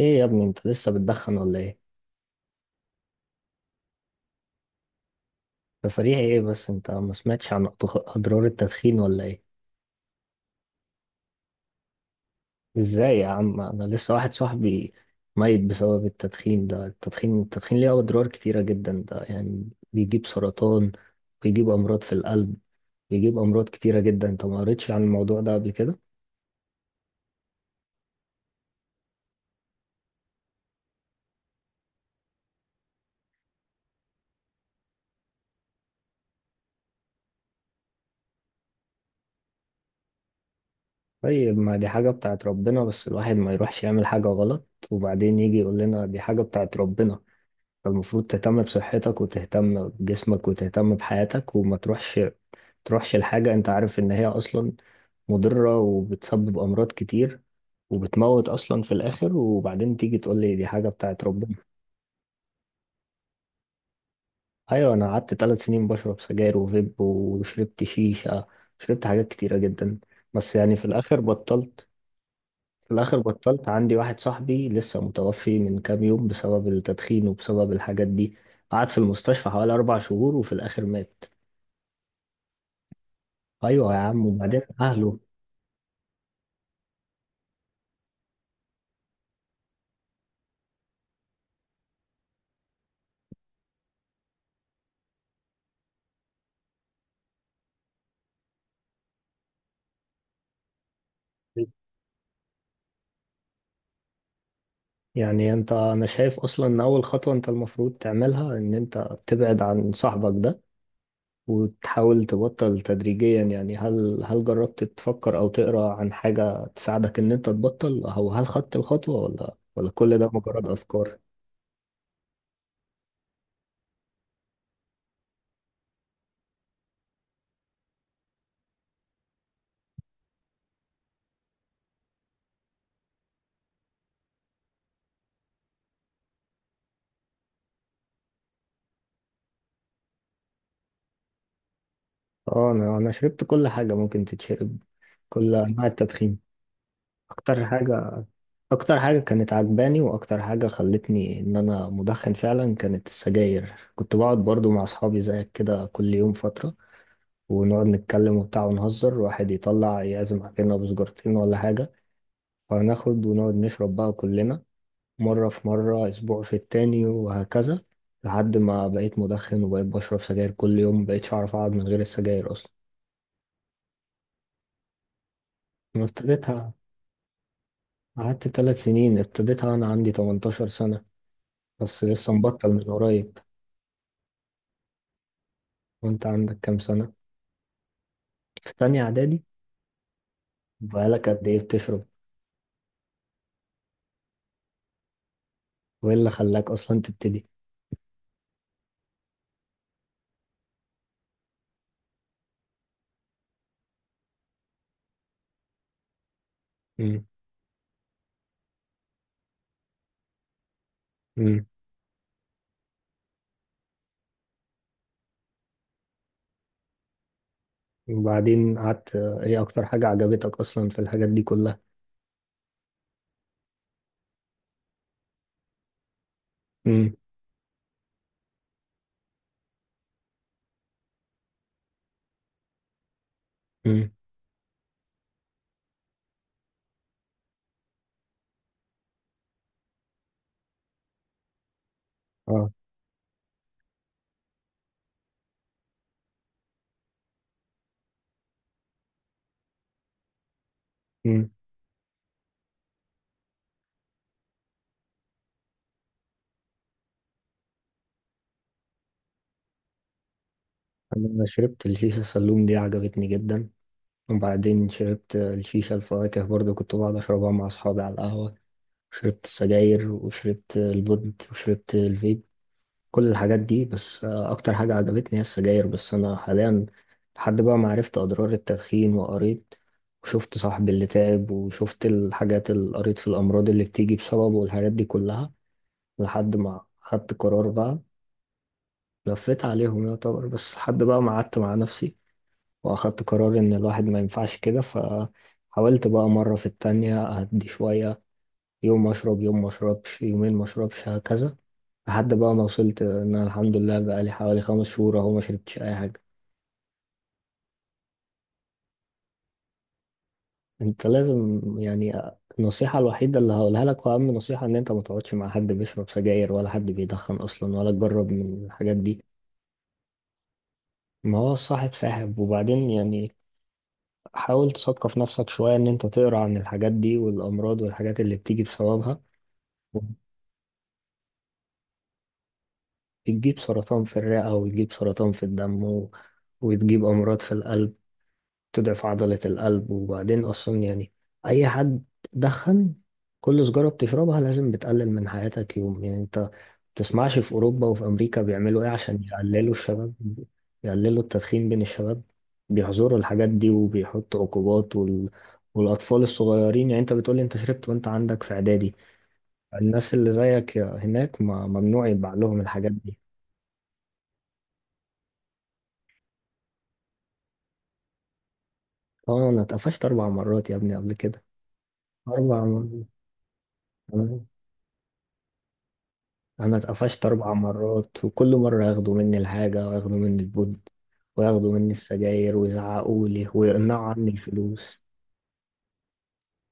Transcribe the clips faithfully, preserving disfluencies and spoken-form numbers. ايه يا ابني، انت لسه بتدخن ولا ايه؟ تفريحي ايه؟ بس انت ما سمعتش عن أضغ- اضرار التدخين ولا ايه؟ ازاي يا عم، انا لسه واحد صاحبي ميت بسبب التدخين. ده التدخين التدخين ليه اضرار كتيرة جدا. ده يعني بيجيب سرطان، بيجيب امراض في القلب، بيجيب امراض كتيرة جدا. انت ما قريتش عن الموضوع ده قبل كده؟ طيب، ما دي حاجة بتاعت ربنا، بس الواحد ما يروحش يعمل حاجة غلط وبعدين يجي يقول لنا دي حاجة بتاعت ربنا. فالمفروض تهتم بصحتك وتهتم بجسمك وتهتم بحياتك وما تروحش تروحش لحاجة انت عارف ان هي اصلا مضرة وبتسبب امراض كتير وبتموت اصلا في الاخر، وبعدين تيجي تقول لي دي حاجة بتاعت ربنا. ايوه، انا قعدت ثلاث سنين بشرب سجاير وفيب، وشربت شيشة، شربت حاجات كتيرة جدا، بس يعني في الاخر بطلت. في الاخر بطلت. عندي واحد صاحبي لسه متوفي من كام يوم بسبب التدخين وبسبب الحاجات دي. قعد في المستشفى حوالي أربع شهور وفي الآخر مات. ايوه يا عم، وبعدين اهله. يعني انت، انا شايف اصلا ان اول خطوه انت المفروض تعملها ان انت تبعد عن صاحبك ده وتحاول تبطل تدريجيا. يعني هل هل جربت تفكر او تقرا عن حاجه تساعدك ان انت تبطل، او هل خدت الخطوه ولا ولا كل ده مجرد افكار؟ اه، انا انا شربت كل حاجه ممكن تتشرب، كل انواع التدخين. اكتر حاجه، اكتر حاجة كانت عجباني واكتر حاجة خلتني ان انا مدخن فعلا كانت السجاير. كنت بقعد برضو مع اصحابي زيك كده كل يوم فترة، ونقعد نتكلم وبتاع ونهزر. واحد يطلع يعزم علينا بسجارتين ولا حاجة، فناخد ونقعد نشرب بقى كلنا. مرة في مرة، اسبوع في التاني، وهكذا، لحد ما بقيت مدخن وبقيت بشرب سجاير كل يوم، مبقتش اعرف اقعد من غير السجاير اصلا. أنا ابتديتها، قعدت ثلاث سنين. ابتديتها وانا عندي تمنتاشر سنة، بس لسه مبطل من قريب. وانت عندك كام سنة؟ في تانية اعدادي؟ بقالك قد ايه بتشرب؟ وايه اللي خلاك اصلا تبتدي؟ امم، امم، وبعدين قعدت ايه اكتر حاجة عجبتك اصلا في الحاجات دي كلها؟ امم، امم، اه، امم. انا شربت الشيشة السلوم دي، عجبتني جدا. وبعدين شربت الشيشة الفواكه برضو، كنت بقعد اشربها مع اصحابي على القهوة. شربت السجاير وشربت البود وشربت الفيب، كل الحاجات دي. بس آه، اكتر حاجة عجبتني هي السجاير. بس انا حاليا لحد بقى ما عرفت اضرار التدخين، وقريت وشفت صاحبي اللي تعب، وشفت الحاجات اللي قريت في الامراض اللي بتيجي بسببه والحاجات دي كلها، لحد ما خدت قرار بقى. لفيت عليهم يعتبر، بس لحد بقى ما قعدت مع نفسي واخدت قرار ان الواحد ما ينفعش كده، فحاولت بقى مرة في التانية اهدي شوية. يوم اشرب، يوم ما اشربش، يومين ما اشربش، هكذا، لحد بقى ما وصلت ان انا الحمد لله بقى لي حوالي خمس شهور اهو ما شربتش اي حاجه. انت لازم يعني، النصيحه الوحيده اللي هقولها لك واهم نصيحه ان انت ما تقعدش مع حد بيشرب سجاير ولا حد بيدخن اصلا، ولا تجرب من الحاجات دي. ما هو الصاحب ساحب، وبعدين يعني حاول تثقف نفسك شويه، ان انت تقرا عن الحاجات دي والامراض والحاجات اللي بتيجي بسببها. بتجيب سرطان في الرئه، وتجيب سرطان في الدم، و... وتجيب امراض في القلب، تضعف عضلة القلب. وبعدين أصلا يعني أي حد دخن، كل سجارة بتشربها لازم بتقلل من حياتك يوم. يعني أنت ما تسمعش في أوروبا وفي أمريكا بيعملوا إيه عشان يقللوا الشباب، يقللوا التدخين بين الشباب؟ بيحظروا الحاجات دي وبيحطوا عقوبات، وال... والأطفال الصغيرين يعني. أنت بتقولي أنت شربت وأنت عندك في إعدادي، الناس اللي زيك هناك ما ممنوع يتباع لهم الحاجات دي. طبعا أنا اتقفشت أربع مرات يا ابني قبل كده. أربع مرات. انا اتقفشت اربع مرات، وكل مره ياخدوا مني الحاجه وياخدوا مني البود وياخدوا مني السجاير ويزعقوا لي ويقنعوا عني الفلوس.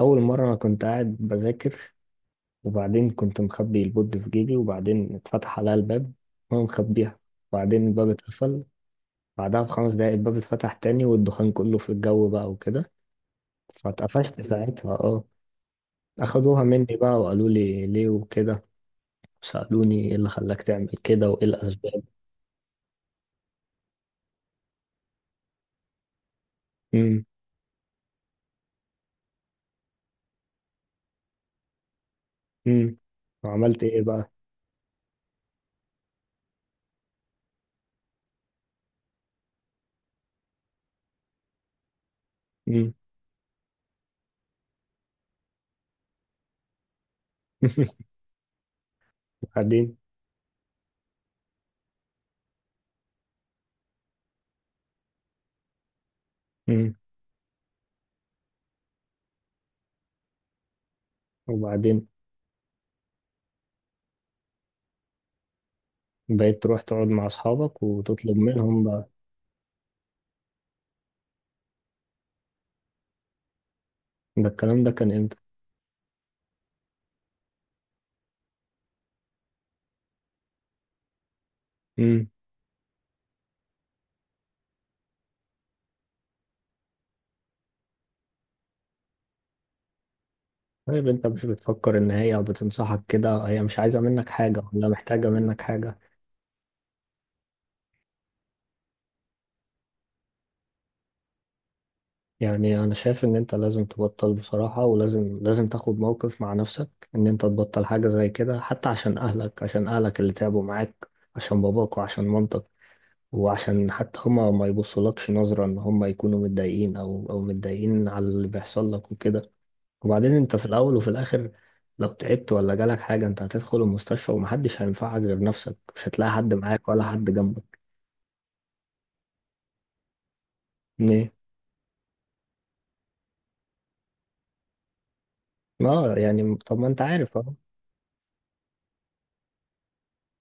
اول مره انا كنت قاعد بذاكر، وبعدين كنت مخبي البود في جيبي، وبعدين اتفتح عليا الباب وانا مخبيها، وبعدين الباب اتقفل. بعدها بخمس دقايق الباب اتفتح تاني والدخان كله في الجو بقى وكده. فاتقفشت ساعتها، اه. اخدوها مني بقى وقالوا لي ليه وكده، سألوني ايه اللي خلاك تعمل كده وايه الاسباب. امم، وعملت ايه بقى؟ امم، وبعدين؟ امم، وبعدين بقيت تروح تقعد مع اصحابك وتطلب منهم بقى؟ ده الكلام ده كان امتى؟ امم. طيب انت مش بتفكر ان هي بتنصحك كده، هي مش عايزة منك حاجة ولا محتاجة منك حاجة؟ يعني انا شايف ان انت لازم تبطل بصراحة، ولازم لازم تاخد موقف مع نفسك ان انت تبطل حاجة زي كده، حتى عشان اهلك، عشان اهلك اللي تعبوا معاك، عشان باباك وعشان مامتك. وعشان حتى هما ما يبصولكش نظرة ان هما يكونوا متضايقين او او متضايقين على اللي بيحصل لك وكده. وبعدين انت في الاول وفي الاخر لو تعبت ولا جالك حاجة، انت هتدخل المستشفى ومحدش هينفعك غير نفسك، مش هتلاقي حد معاك ولا حد جنبك. ليه؟ اه، يعني طب ما انت عارف اهو.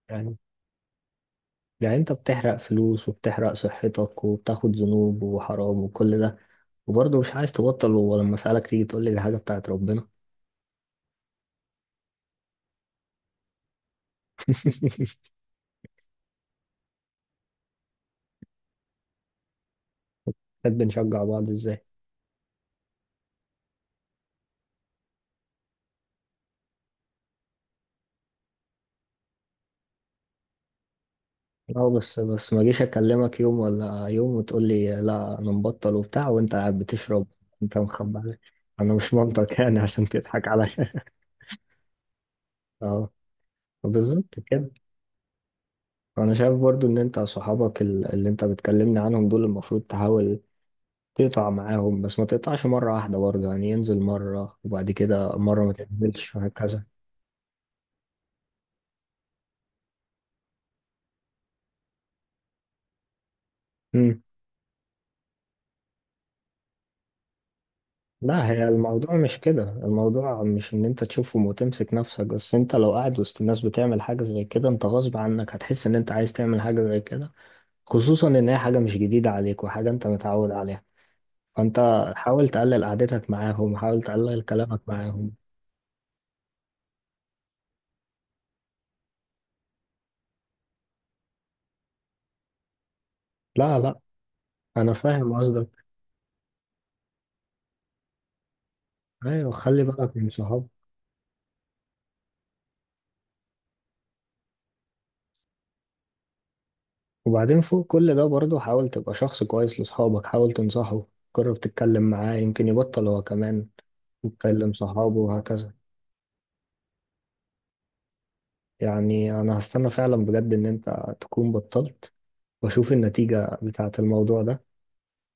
يعني يعني انت بتحرق فلوس وبتحرق صحتك وبتاخد ذنوب وحرام وكل ده، وبرضه مش عايز تبطل، ولما اسألك تيجي تقول لي دي حاجة بتاعت ربنا. بنشجع بعض ازاي؟ اه بس، بس ما جيش اكلمك يوم ولا يوم وتقول لي لا انا مبطل وبتاع وانت قاعد بتشرب. انت مخبي عليا، انا مش منطق يعني عشان تضحك عليا. اه، بالظبط كده. انا شايف برضو ان انت صحابك، ال- اللي انت بتكلمني عنهم دول، المفروض تحاول تقطع معاهم، بس ما تقطعش مرة واحدة برضو. يعني ينزل مرة، وبعد كده مرة ما تنزلش، وهكذا. مم. لا، هي الموضوع مش كده. الموضوع مش ان انت تشوفهم وتمسك نفسك بس. انت لو قاعد وسط الناس بتعمل حاجة زي كده، انت غصب عنك هتحس ان انت عايز تعمل حاجة زي كده، خصوصا ان هي حاجة مش جديدة عليك وحاجة انت متعود عليها. فانت حاول تقلل قعدتك معاهم، حاول تقلل كلامك معاهم. لا لا انا فاهم قصدك. ايوه، خلي بالك من صحابك. وبعدين فوق كل ده برضه، حاول تبقى شخص كويس لصحابك، حاول تنصحه، جرب تتكلم معاه يمكن يبطل هو كمان، يتكلم صحابه وهكذا. يعني انا هستنى فعلا بجد ان انت تكون بطلت، واشوف النتيجة بتاعة الموضوع ده.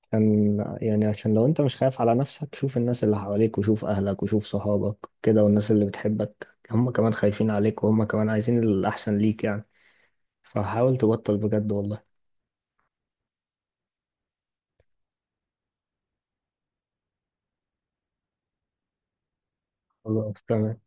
عشان يعني عشان لو انت مش خايف على نفسك، شوف الناس اللي حواليك، وشوف اهلك وشوف صحابك كده، والناس اللي بتحبك هم كمان خايفين عليك، وهم كمان عايزين الاحسن ليك يعني. فحاول تبطل بجد والله. خلاص تمام.